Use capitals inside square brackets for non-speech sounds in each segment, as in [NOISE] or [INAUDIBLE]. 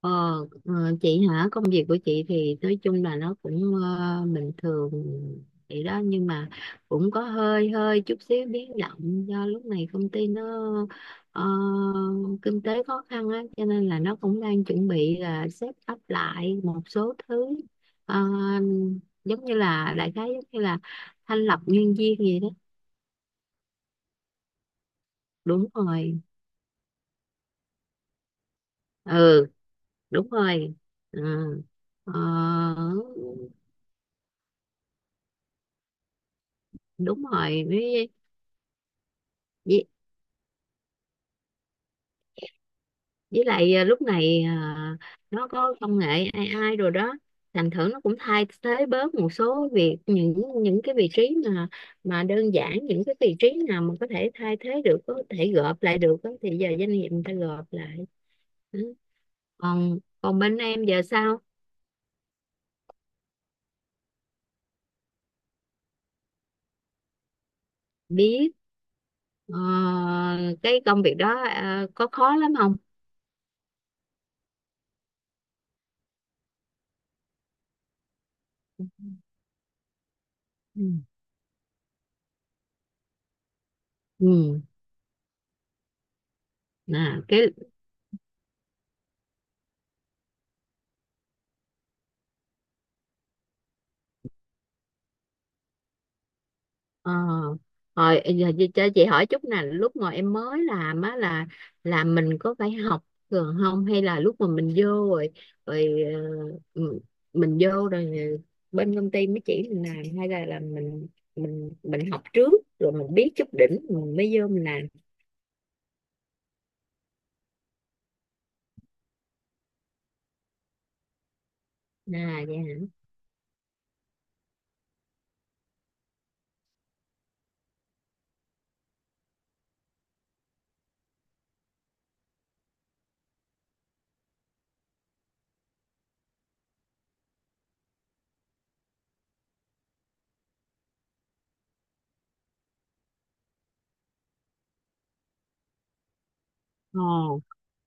Ờ, ờ, chị hả, công việc của chị thì nói chung là nó cũng bình thường vậy đó, nhưng mà cũng có hơi hơi chút xíu biến động do lúc này công ty nó ờ, kinh tế khó khăn á, cho nên là nó cũng đang chuẩn bị là set up lại một số thứ. Ờ, Giống như là đại khái giống như là thanh lọc nhân viên gì đó. Đúng rồi. Ừ. Đúng rồi. Ừ. Ờ, đúng rồi, với lại lúc này nó có công nghệ AI rồi đó, thành thử nó cũng thay thế bớt một số việc, những cái vị trí mà đơn giản, những cái vị trí nào mà có thể thay thế được, có thể gộp lại được á, thì giờ doanh nghiệp người ta gộp lại. Ừ. còn còn bên em giờ sao? Biết. ờ, cái công việc đó có khó lắm không? Ừ. Ừ. Nè cái. Ờ. Rồi. Ờ, Giờ cho chị hỏi chút nè, lúc mà em mới làm á là mình có phải học thường không, hay là lúc mà mình vô rồi rồi ờ, m- mình vô rồi ờ, bên công ty mới chỉ mình làm, hay là mình mình học trước rồi mình biết chút đỉnh mình mới vô mình làm? À vậy hả? Ồ,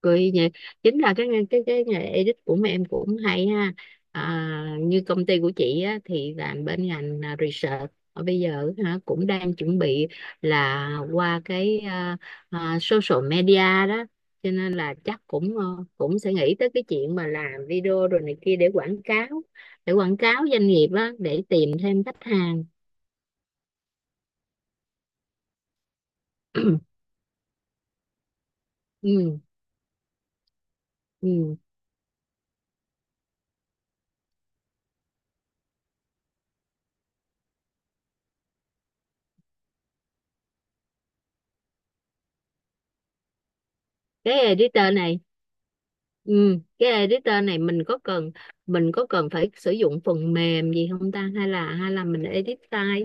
cười nhỉ. Chính là cái nghề edit của mấy em cũng hay ha. Như công ty của chị á, thì làm bên ngành research ở bây giờ hả, cũng đang chuẩn bị là qua cái social media đó, cho nên là chắc cũng cũng sẽ nghĩ tới cái chuyện mà làm video rồi này kia để quảng cáo, để quảng cáo doanh nghiệp á, để tìm thêm khách hàng. [CLEARS THROAT] Ừ. Ừ. Cái editor này. Ừ, cái editor này mình có cần, mình có cần phải sử dụng phần mềm gì không ta, hay là mình edit tay?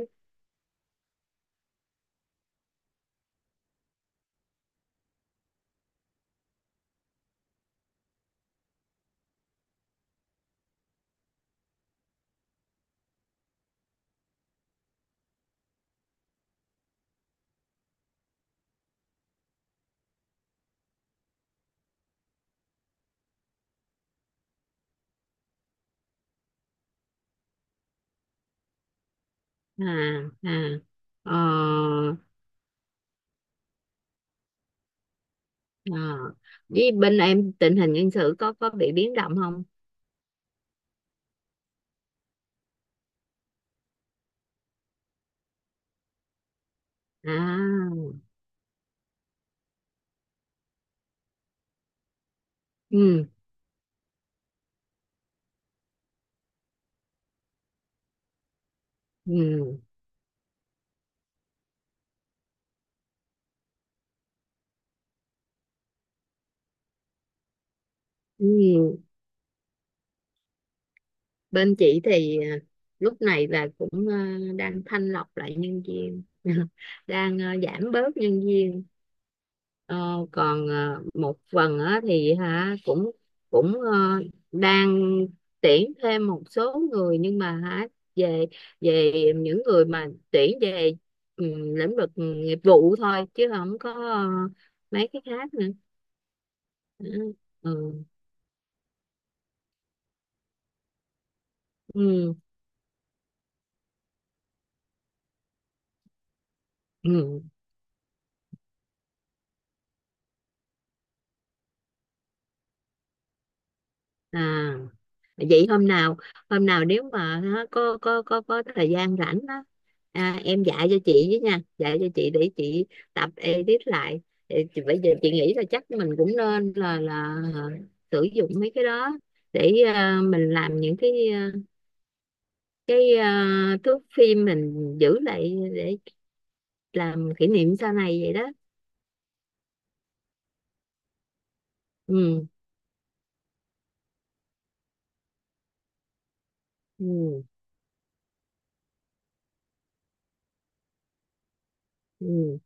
À. À. Ờ. Ờ. Với bên em tình hình nhân sự có bị biến động không? À. Ừ. Ừ. Ừ. Bên chị thì lúc này là cũng đang thanh lọc lại nhân viên [LAUGHS] đang giảm bớt nhân viên. Ờ, còn một phần á, thì hả cũng cũng ờ, đang tuyển thêm một số người, nhưng mà hả về về những người mà tuyển về ừ, lĩnh vực nghiệp vụ thôi, chứ không có mấy cái khác nữa. Ừ. Ừ. Ừ. À. Vậy hôm nào, hôm nào nếu mà á, có thời gian rảnh á, em dạy cho chị với nha, dạy cho chị để chị tập edit lại. Để bây giờ chị nghĩ là chắc mình cũng nên sử dụng mấy cái đó để mình làm những cái thước phim mình giữ lại để làm kỷ niệm sau này vậy đó. Ừ. Ừ. Ừ.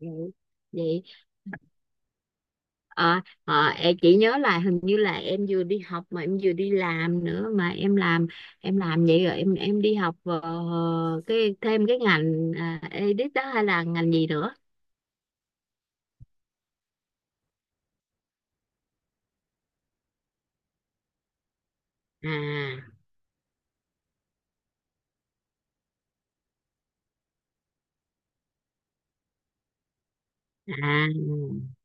Vậy. Vậy. Ờ, em chỉ nhớ là hình như là em vừa đi học mà em vừa đi làm nữa, mà em làm, em làm vậy rồi em đi học cái thêm cái ngành edit đó hay là ngành gì nữa? À. À.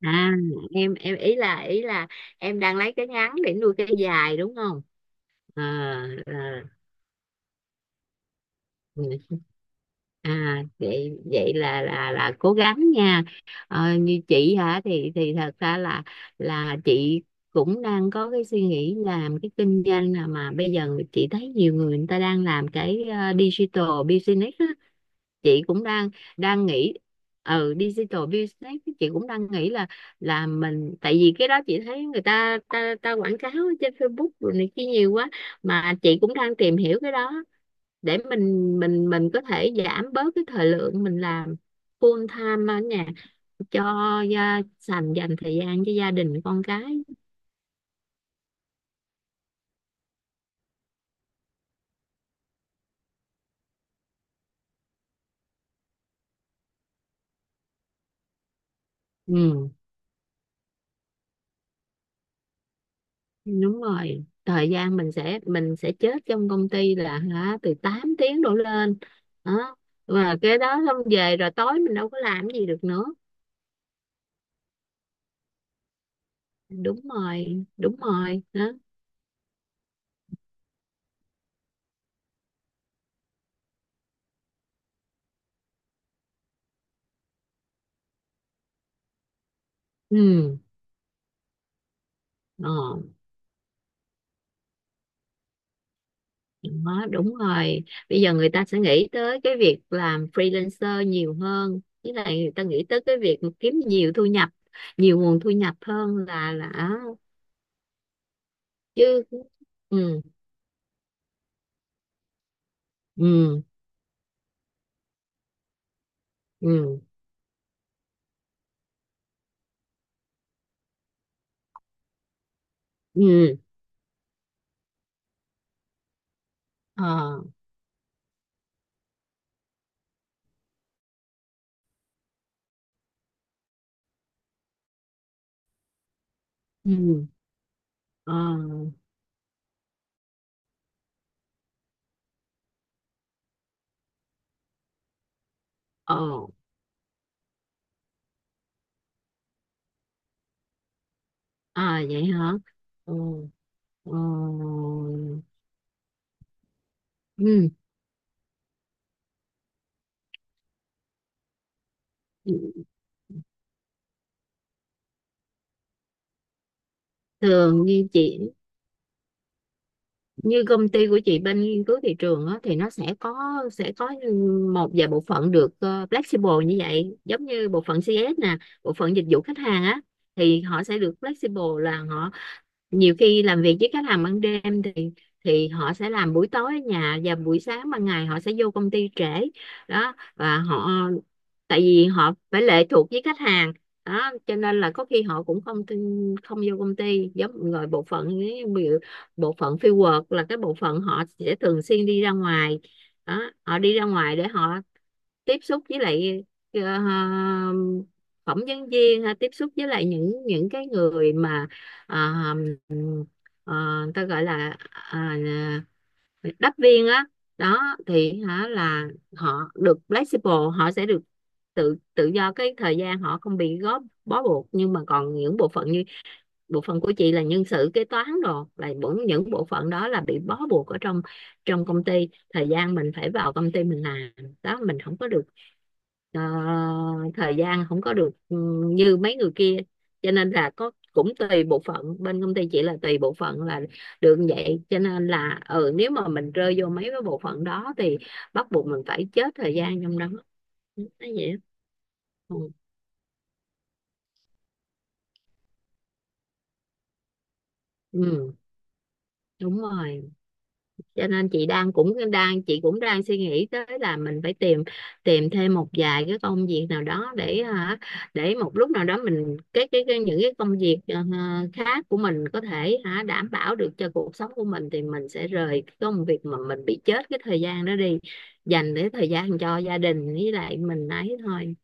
À. Em ý là, ý là em đang lấy cái ngắn để nuôi cái dài đúng không? À. Ừ. À vậy, vậy là cố gắng nha. Ờ, như chị hả thì thật ra là chị cũng đang có cái suy nghĩ làm cái kinh doanh, là mà bây giờ chị thấy nhiều người, người ta đang làm cái digital business á. Chị cũng đang đang nghĩ. Ừ, digital business chị cũng đang nghĩ là mình, tại vì cái đó chị thấy người ta ta, ta quảng cáo ở trên Facebook rồi này kia nhiều quá, mà chị cũng đang tìm hiểu cái đó để mình có thể giảm bớt cái thời lượng mình làm full time ở nhà cho dành dành thời gian cho gia đình con cái. Ừ. Đúng rồi, thời gian mình sẽ, mình sẽ chết trong công ty là hả từ 8 tiếng đổ lên đó, và cái đó xong về rồi tối mình đâu có làm gì được nữa. Đúng rồi, đúng rồi đó. Ừ. Ờ. Đó, đúng rồi. Bây giờ người ta sẽ nghĩ tới cái việc làm freelancer nhiều hơn. Với lại người ta nghĩ tới cái việc mà kiếm nhiều thu nhập, nhiều nguồn thu nhập hơn là chứ. Ừ. Ừ. Ừ. Ừ. Ờ. Ừ. Ờ. Ờ. À vậy hả? Ừ. Ờ. Ừ. Ừ. Thường như chị, như công ty của chị bên nghiên cứu thị trường á, thì nó sẽ có một vài bộ phận được flexible như vậy, giống như bộ phận CS nè, bộ phận dịch vụ khách hàng á, thì họ sẽ được flexible là họ nhiều khi làm việc với khách hàng ban đêm thì họ sẽ làm buổi tối ở nhà, và buổi sáng ban ngày họ sẽ vô công ty trễ đó. Và họ, tại vì họ phải lệ thuộc với khách hàng đó, cho nên là có khi họ cũng không vô công ty. Giống rồi bộ phận ấy, ví dụ bộ phận fieldwork là cái bộ phận họ sẽ thường xuyên đi ra ngoài đó, họ đi ra ngoài để họ tiếp xúc với lại ờ, phỏng vấn viên ha, tiếp xúc với lại những cái người mà ờ, ờ, ta gọi là đắp viên á. Đó thì hả là họ được flexible, họ sẽ được tự tự do cái thời gian, họ không bị góp bó buộc. Nhưng mà còn những bộ phận như bộ phận của chị là nhân sự kế toán đồ, là những bộ phận đó là bị bó buộc ở trong trong công ty, thời gian mình phải vào công ty mình làm đó, mình không có được ờ, thời gian, không có được như mấy người kia, cho nên là có cũng tùy bộ phận. Bên công ty chỉ là tùy bộ phận là được như vậy, cho nên là ừ, nếu mà mình rơi vô mấy cái bộ phận đó thì bắt buộc mình phải chết thời gian trong đó nó vậy á. Ừ. Ừ. Đúng rồi, cho nên chị đang, cũng đang chị cũng đang suy nghĩ tới là mình phải tìm, thêm một vài cái công việc nào đó để hả, để một lúc nào đó mình cái những cái công việc khác của mình có thể hả đảm bảo được cho cuộc sống của mình, thì mình sẽ rời cái công việc mà mình bị chết cái thời gian đó đi, dành để thời gian cho gia đình với lại mình ấy thôi.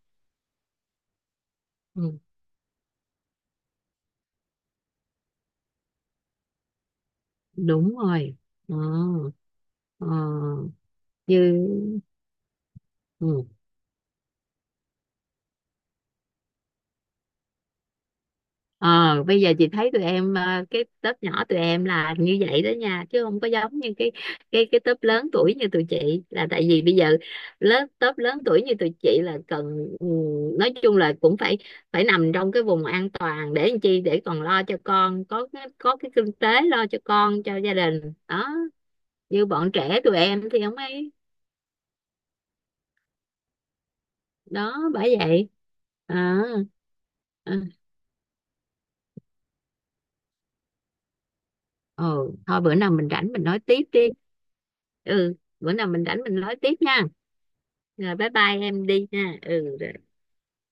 Ừ, đúng rồi. Ừ. Ừ. Như. Ừ. Ờ, bây giờ chị thấy tụi em cái tớp nhỏ tụi em là như vậy đó nha, chứ không có giống như cái tớp lớn tuổi như tụi chị. Là tại vì bây giờ tớp lớn tuổi như tụi chị là cần nói chung là cũng phải phải nằm trong cái vùng an toàn để làm chi, để còn lo cho con, có cái, có cái kinh tế lo cho con, cho gia đình đó. Như bọn trẻ tụi em thì không ấy, đó bởi vậy. Ờ. Ờ. Ừ thôi, bữa nào mình rảnh mình nói tiếp đi. Ừ, bữa nào mình rảnh mình nói tiếp nha. Rồi, bye bye em đi nha. Ừ.